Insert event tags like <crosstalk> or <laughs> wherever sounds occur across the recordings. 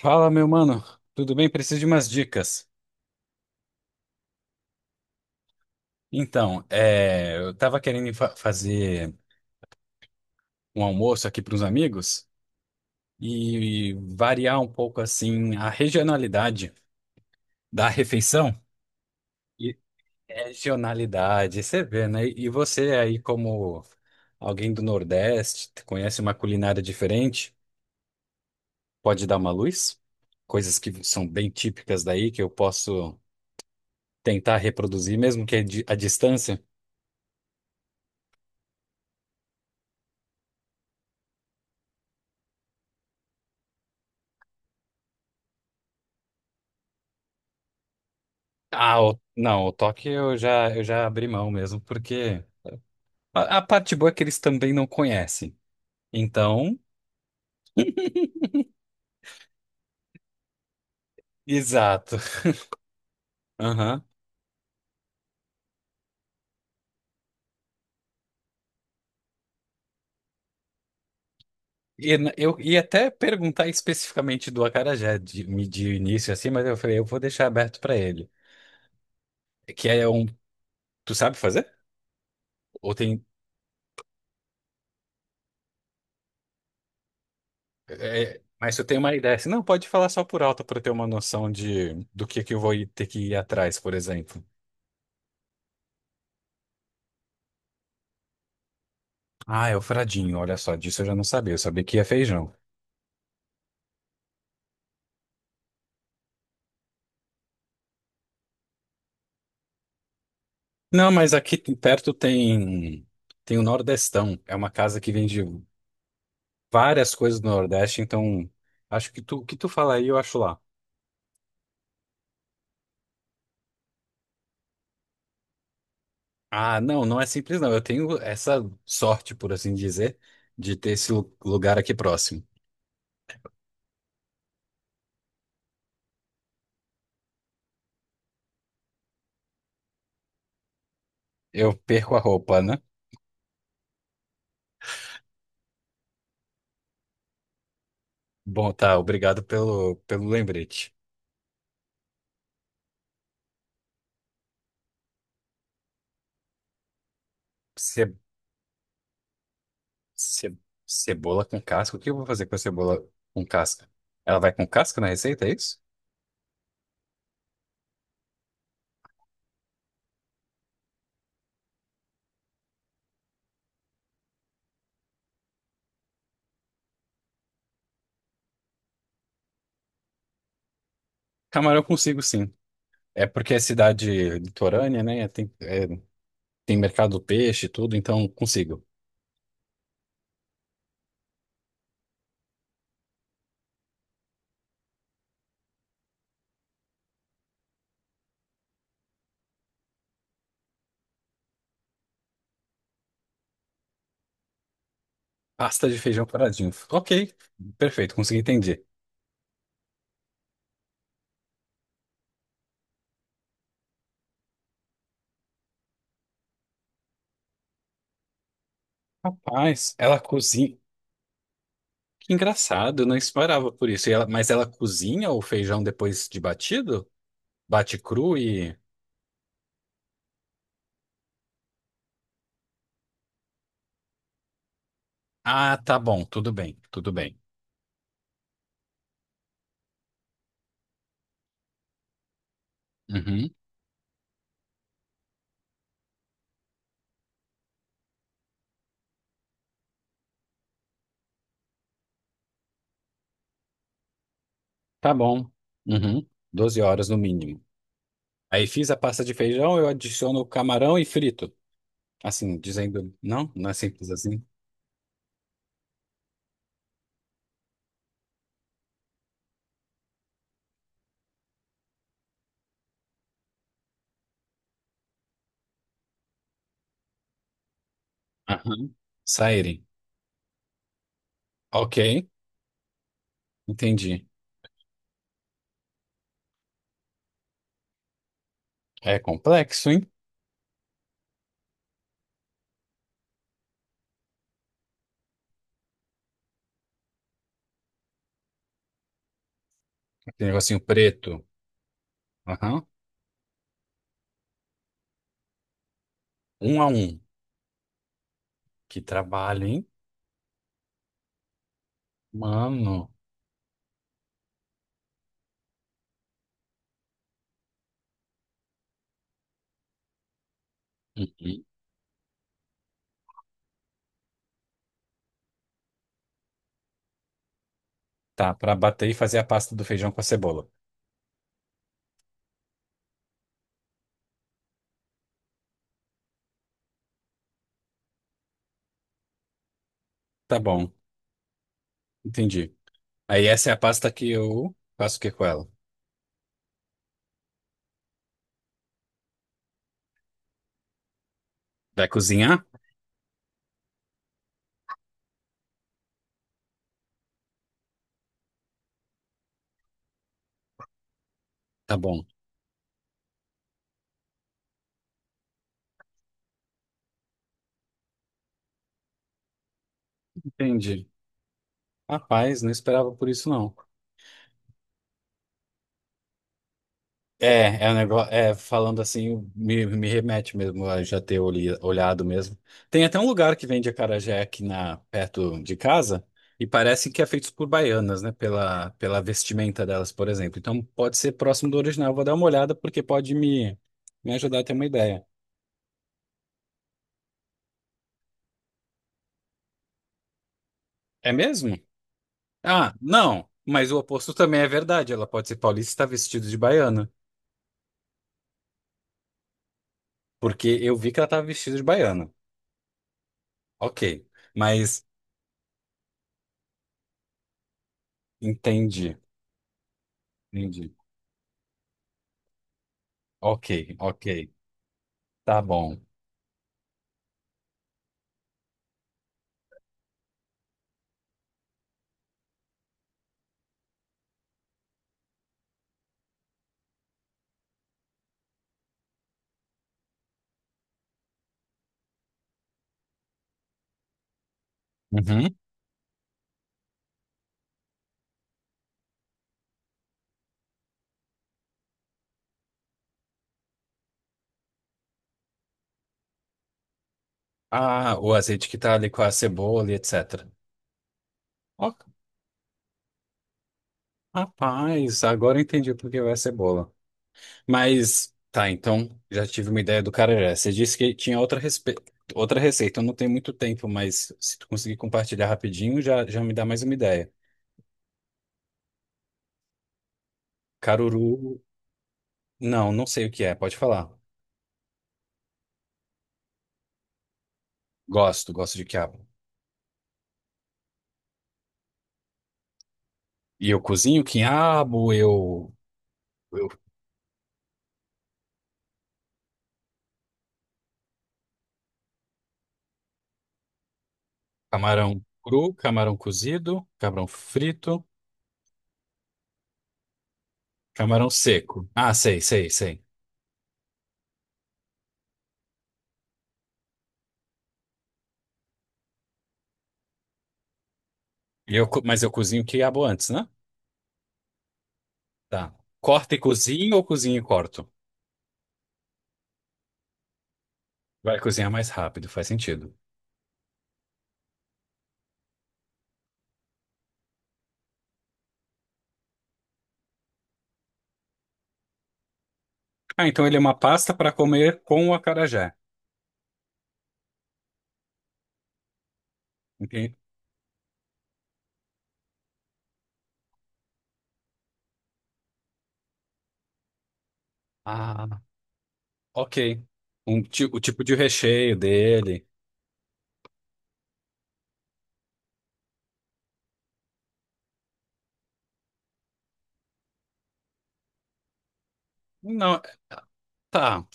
Fala, meu mano. Tudo bem? Preciso de umas dicas. Eu tava querendo fazer um almoço aqui para uns amigos e variar um pouco assim a regionalidade da refeição. E regionalidade, você vê, né? E você aí como alguém do Nordeste, conhece uma culinária diferente, pode dar uma luz? Coisas que são bem típicas daí que eu posso tentar reproduzir mesmo que a distância. Ah, não, o toque eu já abri mão mesmo, porque a parte boa é que eles também não conhecem. Então, exato. <laughs> Aham. E eu ia até perguntar especificamente do acarajé de, de início, assim, mas eu falei, eu vou deixar aberto pra ele. Que é um. Tu sabe fazer? Ou tem. É, mas eu tenho uma ideia. Assim, não, pode falar só por alto pra eu ter uma noção de do que eu vou ter que ir atrás, por exemplo. Ah, é o fradinho, olha só, disso eu já não sabia, eu sabia que ia feijão. Não, mas aqui perto tem tem o Nordestão. É uma casa que vende várias coisas do Nordeste, então acho que tu o que tu fala aí, eu acho lá. Ah, não, não é simples não. Eu tenho essa sorte, por assim dizer, de ter esse lugar aqui próximo. Eu perco a roupa, né? Bom, tá, obrigado pelo lembrete. Ce, ce- Cebola com casca. O que eu vou fazer com a cebola com casca? Ela vai com casca na receita, é isso? Camarão eu consigo sim. É porque é cidade litorânea, né? Tem mercado do peixe e tudo, então consigo. Pasta de feijão paradinho. Ok, perfeito, consegui entender. Rapaz, ela cozinha. Que engraçado, eu não esperava por isso. Mas ela cozinha o feijão depois de batido? Bate cru e. Ah, tá bom, tudo bem, tudo bem. Uhum, tá bom. Uhum, 12 horas no mínimo. Aí fiz a pasta de feijão, eu adiciono o camarão e frito. Assim, dizendo. Não, não é simples assim. Aham. Saírem. Ok, entendi. É complexo, hein? Aquele negocinho preto. Aham. Um a um. Que trabalho, hein? Mano. Uhum. Tá, pra bater e fazer a pasta do feijão com a cebola. Tá bom, entendi. Aí essa é a pasta que eu faço o que com ela? Vai cozinhar? Tá bom. Entendi. Rapaz, não esperava por isso não. É, é um negócio, é, falando assim, me remete mesmo a já ter olhado mesmo. Tem até um lugar que vende acarajé aqui na, perto de casa, e parece que é feito por baianas, né? Pela vestimenta delas, por exemplo. Então pode ser próximo do original. Vou dar uma olhada porque pode me ajudar a ter uma ideia. É mesmo? Ah, não, mas o oposto também é verdade. Ela pode ser paulista e está vestida de baiana, porque eu vi que ela estava vestida de baiana. Ok, mas entendi, entendi. Ok, ok. Tá bom. Uhum. Ah, o azeite que tá ali com a cebola e etc. Ó, rapaz, agora eu entendi por que vai a cebola. Mas, tá, então já tive uma ideia do carajé. Você disse que tinha outra, respe... outra receita. Eu não tenho muito tempo, mas se tu conseguir compartilhar rapidinho, já, já me dá mais uma ideia. Caruru, não, não sei o que é. Pode falar. Gosto, gosto de quiabo. E eu cozinho quiabo, eu camarão cru, camarão cozido, camarão frito. Camarão seco. Ah, sei, sei, sei. Mas eu cozinho o quiabo antes, né? Tá. Corta e cozinho ou cozinho e corto? Vai cozinhar mais rápido, faz sentido. Ah, então ele é uma pasta para comer com o acarajé. Entendi. Ah, ok. O tipo de recheio dele. Não, tá.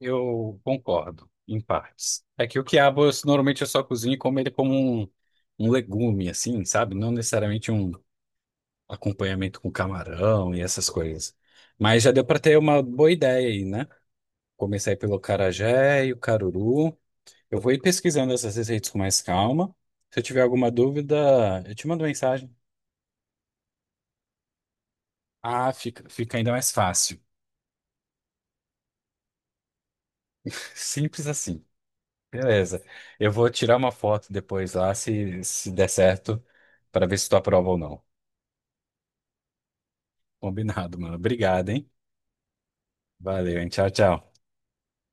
Eu concordo, em partes. É que o quiabo eu, normalmente eu só cozinho e como ele como um, um legume, assim, sabe? Não necessariamente um acompanhamento com camarão e essas coisas. Mas já deu para ter uma boa ideia aí, né? Comecei pelo carajé e o caruru. Eu vou ir pesquisando essas receitas com mais calma. Se eu tiver alguma dúvida, eu te mando mensagem. Ah, fica, fica ainda mais fácil. <laughs> Simples assim. Beleza. Eu vou tirar uma foto depois lá, se der certo, para ver se tu aprova ou não. Combinado, mano. Obrigado, hein? Valeu, hein? Tchau, tchau.